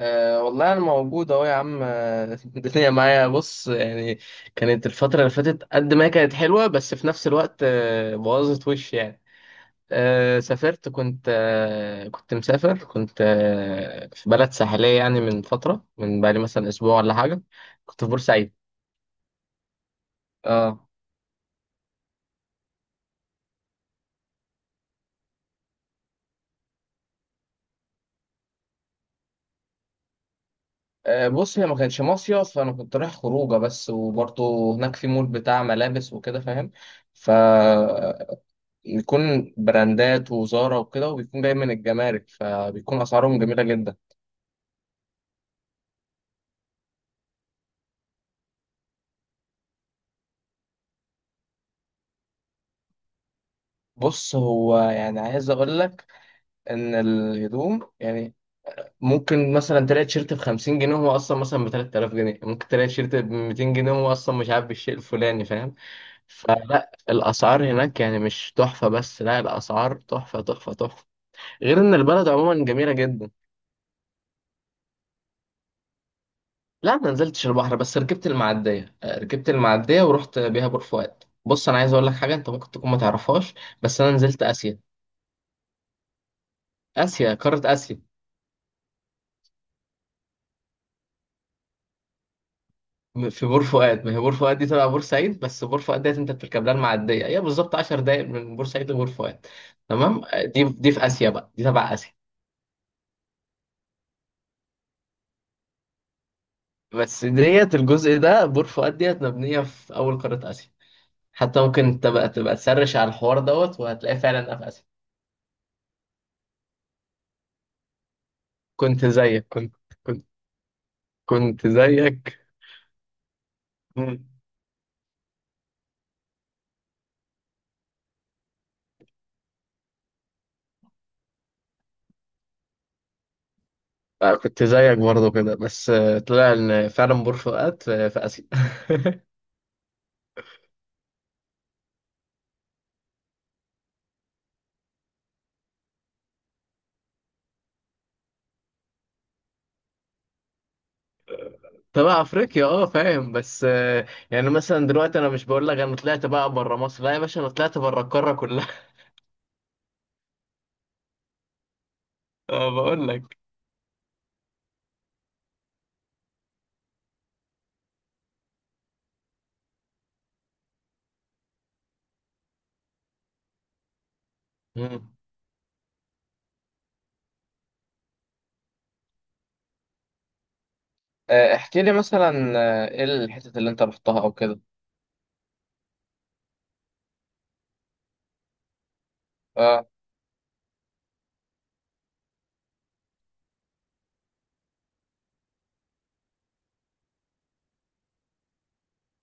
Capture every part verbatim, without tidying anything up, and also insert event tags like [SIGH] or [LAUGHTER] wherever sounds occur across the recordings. أه والله أنا موجود أهو يا عم، آه، [LAUGHS] الدنيا معايا، بص يعني. كانت الفترة اللي فاتت قد ما هي كانت حلوة، بس في نفس الوقت آه، بوظت وش يعني. أه سافرت كنت أه كنت مسافر كنت أه في بلد ساحلية يعني، من فترة، من بقالي مثلا أسبوع ولا حاجة. كنت في بورسعيد. اه. آه، بص، هي ما كانش مصيف، فأنا كنت رايح خروجة بس، وبرضه هناك في مول بتاع ملابس وكده، فاهم؟ ف يكون براندات وزارة وكده، وبيكون جاي من الجمارك، فبيكون أسعارهم جميلة جدا. بص هو يعني عايز أقول لك إن الهدوم يعني ممكن مثلا تلاقي تيشيرت بخمسين جنيه وهو أصلا مثلا بتلات آلاف جنيه، ممكن تلاقي تيشيرت بميتين جنيه وهو أصلا مش عارف بالشيء الفلاني، فاهم؟ فلا الأسعار هناك يعني مش تحفة، بس لا الأسعار تحفة تحفة تحفة. غير إن البلد عموما جميلة جدا. لا ما نزلتش البحر، بس ركبت المعدية آه، ركبت المعدية ورحت بيها بور فؤاد. بص أنا عايز أقول لك حاجة أنت ممكن تكون ما تعرفهاش. بس أنا نزلت آسيا. آسيا، قارة آسيا. م- في بور فؤاد، ما هي بور فؤاد دي تبع بورسعيد، بس بور فؤاد ديت أنت بتركب لها المعدية، هي بالظبط عشر دقايق من بورسعيد لبور فؤاد. تمام. آه، دي دي في آسيا بقى، دي تبع آسيا. بس ديت، الجزء ده بور فؤاد ديت مبنية في أول قارة آسيا. حتى ممكن تبقى تبقى تسرش على الحوار دوت، وهتلاقيه فعلا في آسيا. كنت زيك كنت كنت كنت زيك. مم. آه، كنت زيك برضه كده، بس آه، طلع ان فعلا بور فؤاد في في اسيا. [LAUGHS] تبع افريقيا، اه فاهم، بس آه، يعني مثلا دلوقتي انا مش بقول لك انا طلعت بقى بره مصر، لا يا باشا، انا طلعت بره القاره كلها. [LAUGHS] اه بقول لك. مم. آه، احكي لي مثلا. آه، ايه الحتت اللي انت رحتها او كده؟ اه.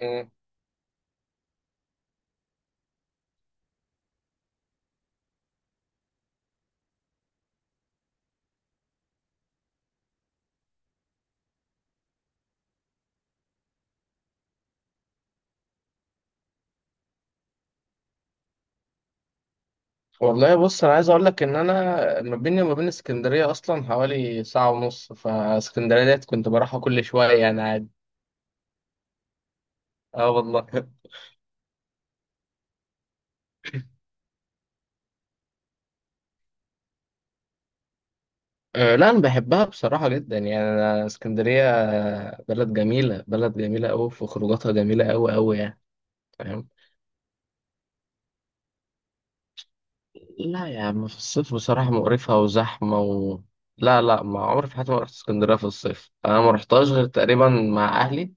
مم. والله بص انا عايز اقول لك ان انا ما بيني وما بين اسكندريه اصلا حوالي ساعه ونص، فاسكندريه ديت كنت بروحها كل شويه يعني عادي. اه والله. أه لا انا بحبها بصراحه جدا، يعني انا اسكندريه بلد جميله، بلد جميله قوي، في خروجاتها جميله قوي قوي يعني. فاهم. لا يا عم، في الصيف بصراحه مقرفه وزحمه و... لا لا، ما عمري في حياتي ما رحت اسكندريه في الصيف، انا ما رحتهاش غير تقريبا مع اهلي.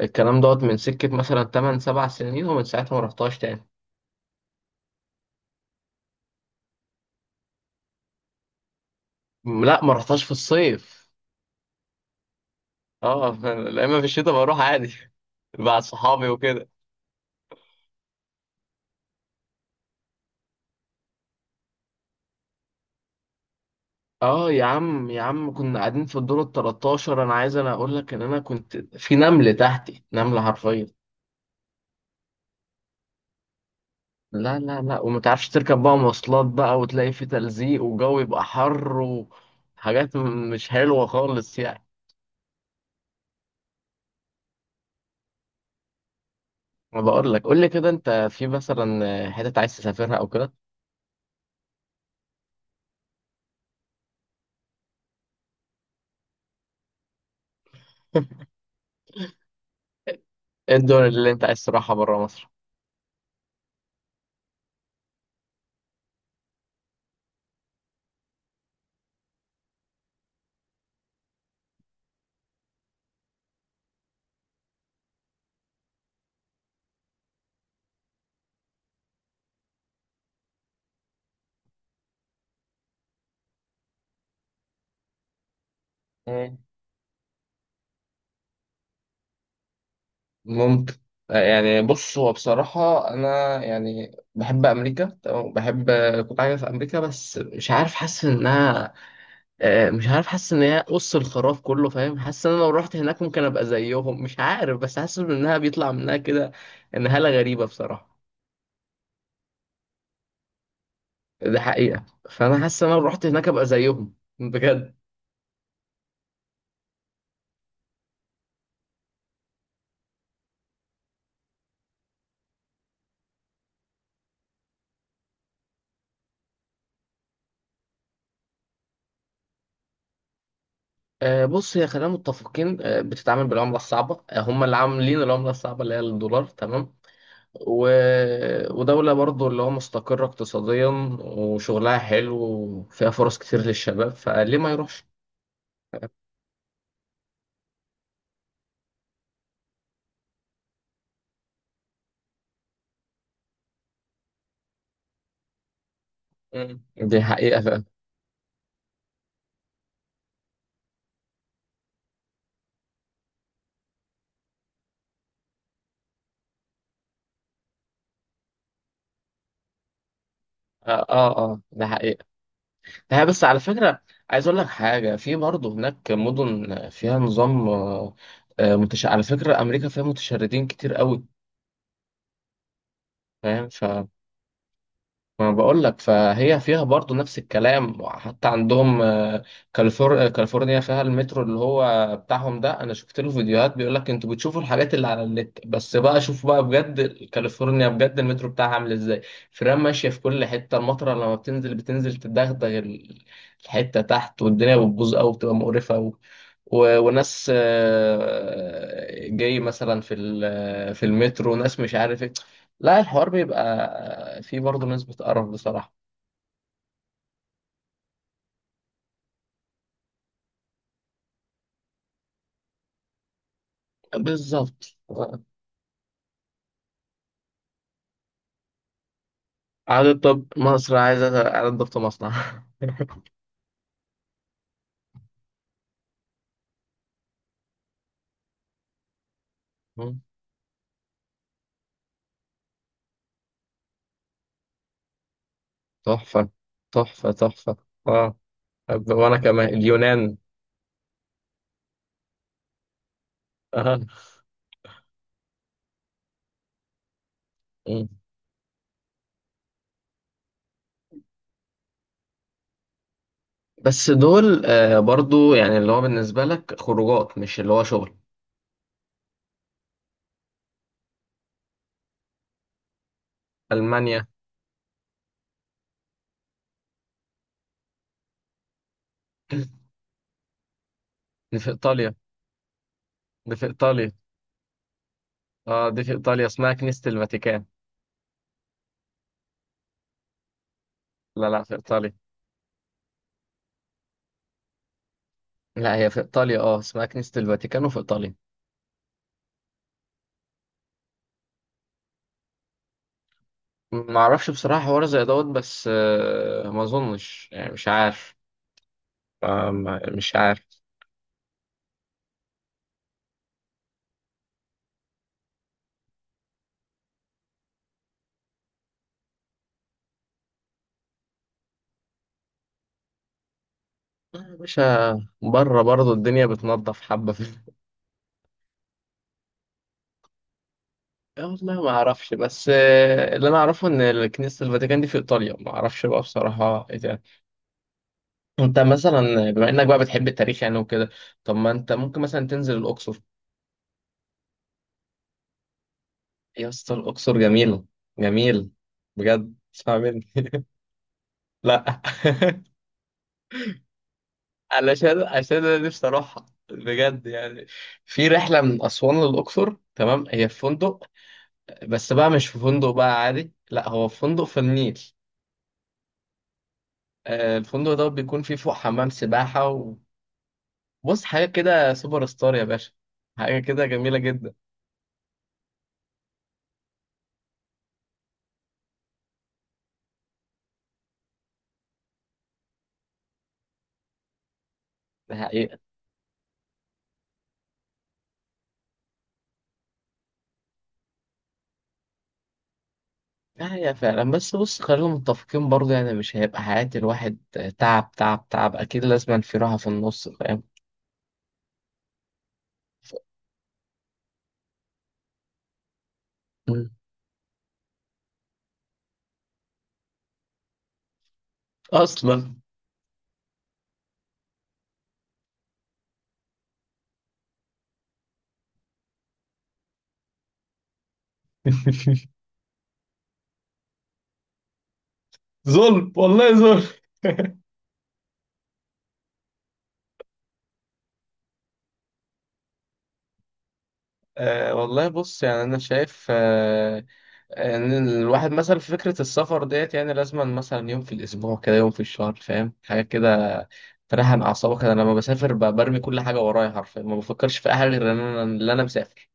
الكلام دوت من سكه مثلا تمان سبع سنين، ومن ساعتها ما رحتهاش تاني. لا ما رحتهاش في الصيف. اه. [LAUGHS] لا اما في الشتاء بروح عادي. [LAUGHS] مع صحابي وكده. اه يا عم يا عم، كنا قاعدين في الدور ال تلتاشر، انا عايز انا اقول لك ان انا كنت في نمل تحتي نمله حرفيا. لا لا لا، وما تعرفش تركب بقى مواصلات بقى، وتلاقي في تلزيق وجو يبقى حر، وحاجات م- مش حلوه خالص يعني. ما بقول لك، قول لي كده انت في مثلا حتت عايز تسافرها او كده. ايه الدول اللي انت عايز تروحها بره مصر؟ مم. ممكن. آه، يعني بص، هو بصراحة أنا يعني بحب أمريكا، تمام؟ بحب. كنت عايز في أمريكا، بس مش عارف، حاسس إنها آه، مش عارف، حاسس ان هي قص الخراف كله، فاهم؟ حاسس ان انا لو رحت هناك ممكن ابقى زيهم، مش عارف، بس حاسس انها بيطلع منها كده. ان هالة غريبة بصراحة. ده حقيقة. فانا حاسس ان انا لو رحت هناك ابقى زيهم بجد. آه، بص، هي خلينا متفقين، آه، بتتعامل بالعملة الصعبة، آه، هم اللي عاملين العملة الصعبة اللي هي الدولار، تمام. و... ودولة برضو اللي هو مستقرة اقتصاديا، وشغلها حلو، وفيها فرص كتير للشباب، فليه ما يروحش. مم. دي حقيقة فعلا. اه اه، آه، ده حقيقة. هي بس على فكرة، عايز أقول لك حاجة، في برضه هناك مدن فيها نظام آه، آه، متش... على فكرة أمريكا فيها متشردين كتير قوي. فاهم. ما بقول لك، فهي فيها برضو نفس الكلام حتى عندهم آه، كاليفور... آه، كاليفورنيا فيها المترو اللي هو بتاعهم ده، انا شفت له فيديوهات، بيقول لك انتوا بتشوفوا الحاجات اللي على النت، بس بقى شوف بقى بجد. كاليفورنيا بجد المترو بتاعها عامل ازاي. فرام ماشية في كل حتة، المطرة لما بتنزل بتنزل تدغدغ ال- الحتة تحت، والدنيا بتبوظ قوي، بتبقى مقرفة قوي. و- وناس آه، جاي مثلا في ال- في المترو ناس مش عارف ايه. لا الحوار بيبقى فيه برضه نسبة قرف بصراحة. بالظبط. عدد، طب مصر عايزة عدد ضبط مصنع. [LAUGHS] مم. تحفة تحفة تحفة. اه. طب وانا كمان اليونان. اه. مم. بس دول آه برضو يعني اللي هو بالنسبة لك خروجات، مش اللي هو شغل. ألمانيا. دي في إيطاليا. دي في إيطاليا. اه دي في إيطاليا، اسمها كنيسة الفاتيكان. لا لا في إيطاليا. لا هي في إيطاليا اه، اسمها كنيسة الفاتيكان، وفي إيطاليا. ما أعرفش بصراحة حوار زي دوت، بس آه، ما أظنش يعني، مش عارف. آه، ما- مش عارف. مش بره برضه الدنيا بتنضف حبة في. [LAUGHS] آه، والله ما أعرفش، بس آه، اللي أنا أعرفه إن كنيسة الفاتيكان دي في إيطاليا، ما أعرفش بقى بصراحة إيه ده. أنت مثلا بما إنك بقى بتحب التاريخ يعني وكده، طب ما أنت ممكن مثلا تنزل الأقصر. يا اسطى الأقصر جميلة. جميل. بجد اسمع مني. [LAUGHS] لا. [LAUGHS] علشان عشان انا نفسي اروحها بجد يعني. في رحله من اسوان للاقصر، تمام، هي في فندق، بس بقى مش في فندق بقى عادي، لا هو في فندق في النيل. آه، الفندق ده بيكون فيه فوق حمام سباحه، وبص حاجه كده سوبر ستار يا باشا، حاجه كده جميله جدا. ده حقيقه. ده حقيقه فعلا، بس بص خلينا متفقين برضه يعني مش هيبقى حياه الواحد تعب تعب تعب، اكيد لازم في راحه في النص، فاهم. ف- م. اصلا. [LAUGHS] ظلم والله ظلم. [LAUGHS] أه والله بص يعني أنا شايف أه إن الواحد مثلا في فكرة السفر ديت يعني لازم مثلا يوم في الأسبوع كده، يوم في الشهر، فاهم، حاجة كده تريحن أعصابك. أنا لما بسافر ب- برمي كل حاجة ورايا حرفيا، ما بفكرش في أي حاجة غير إن أنا إن أنا مسافر.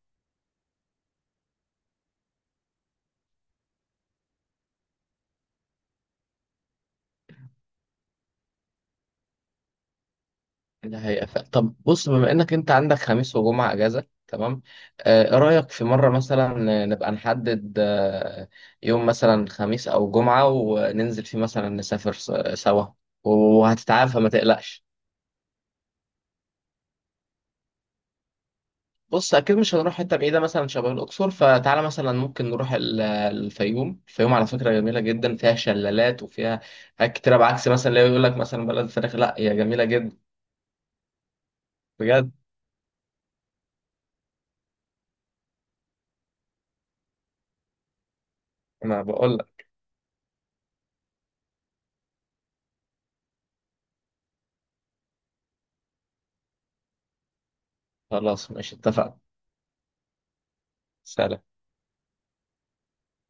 ده حقيقة. ف... طب بص، بما إنك أنت عندك خميس وجمعة أجازة، تمام. أه إيه رأيك في مرة مثلا نبقى نحدد آه، يوم مثلا خميس أو جمعة، وننزل فيه مثلا نسافر س- سوا، وهتتعافى ما تقلقش. بص اكيد مش هنروح حته بعيده مثلا شبه الاقصر، فتعالى مثلا ممكن نروح ال- الفيوم. الفيوم على فكره جميله جدا، فيها شلالات وفيها حاجات كتيره، بعكس مثلا اللي يقول لك مثلا بلد الفراخ، لا هي جميله جدا بجد. انا بقول لك. خلاص ماشي اتفقنا. سلام.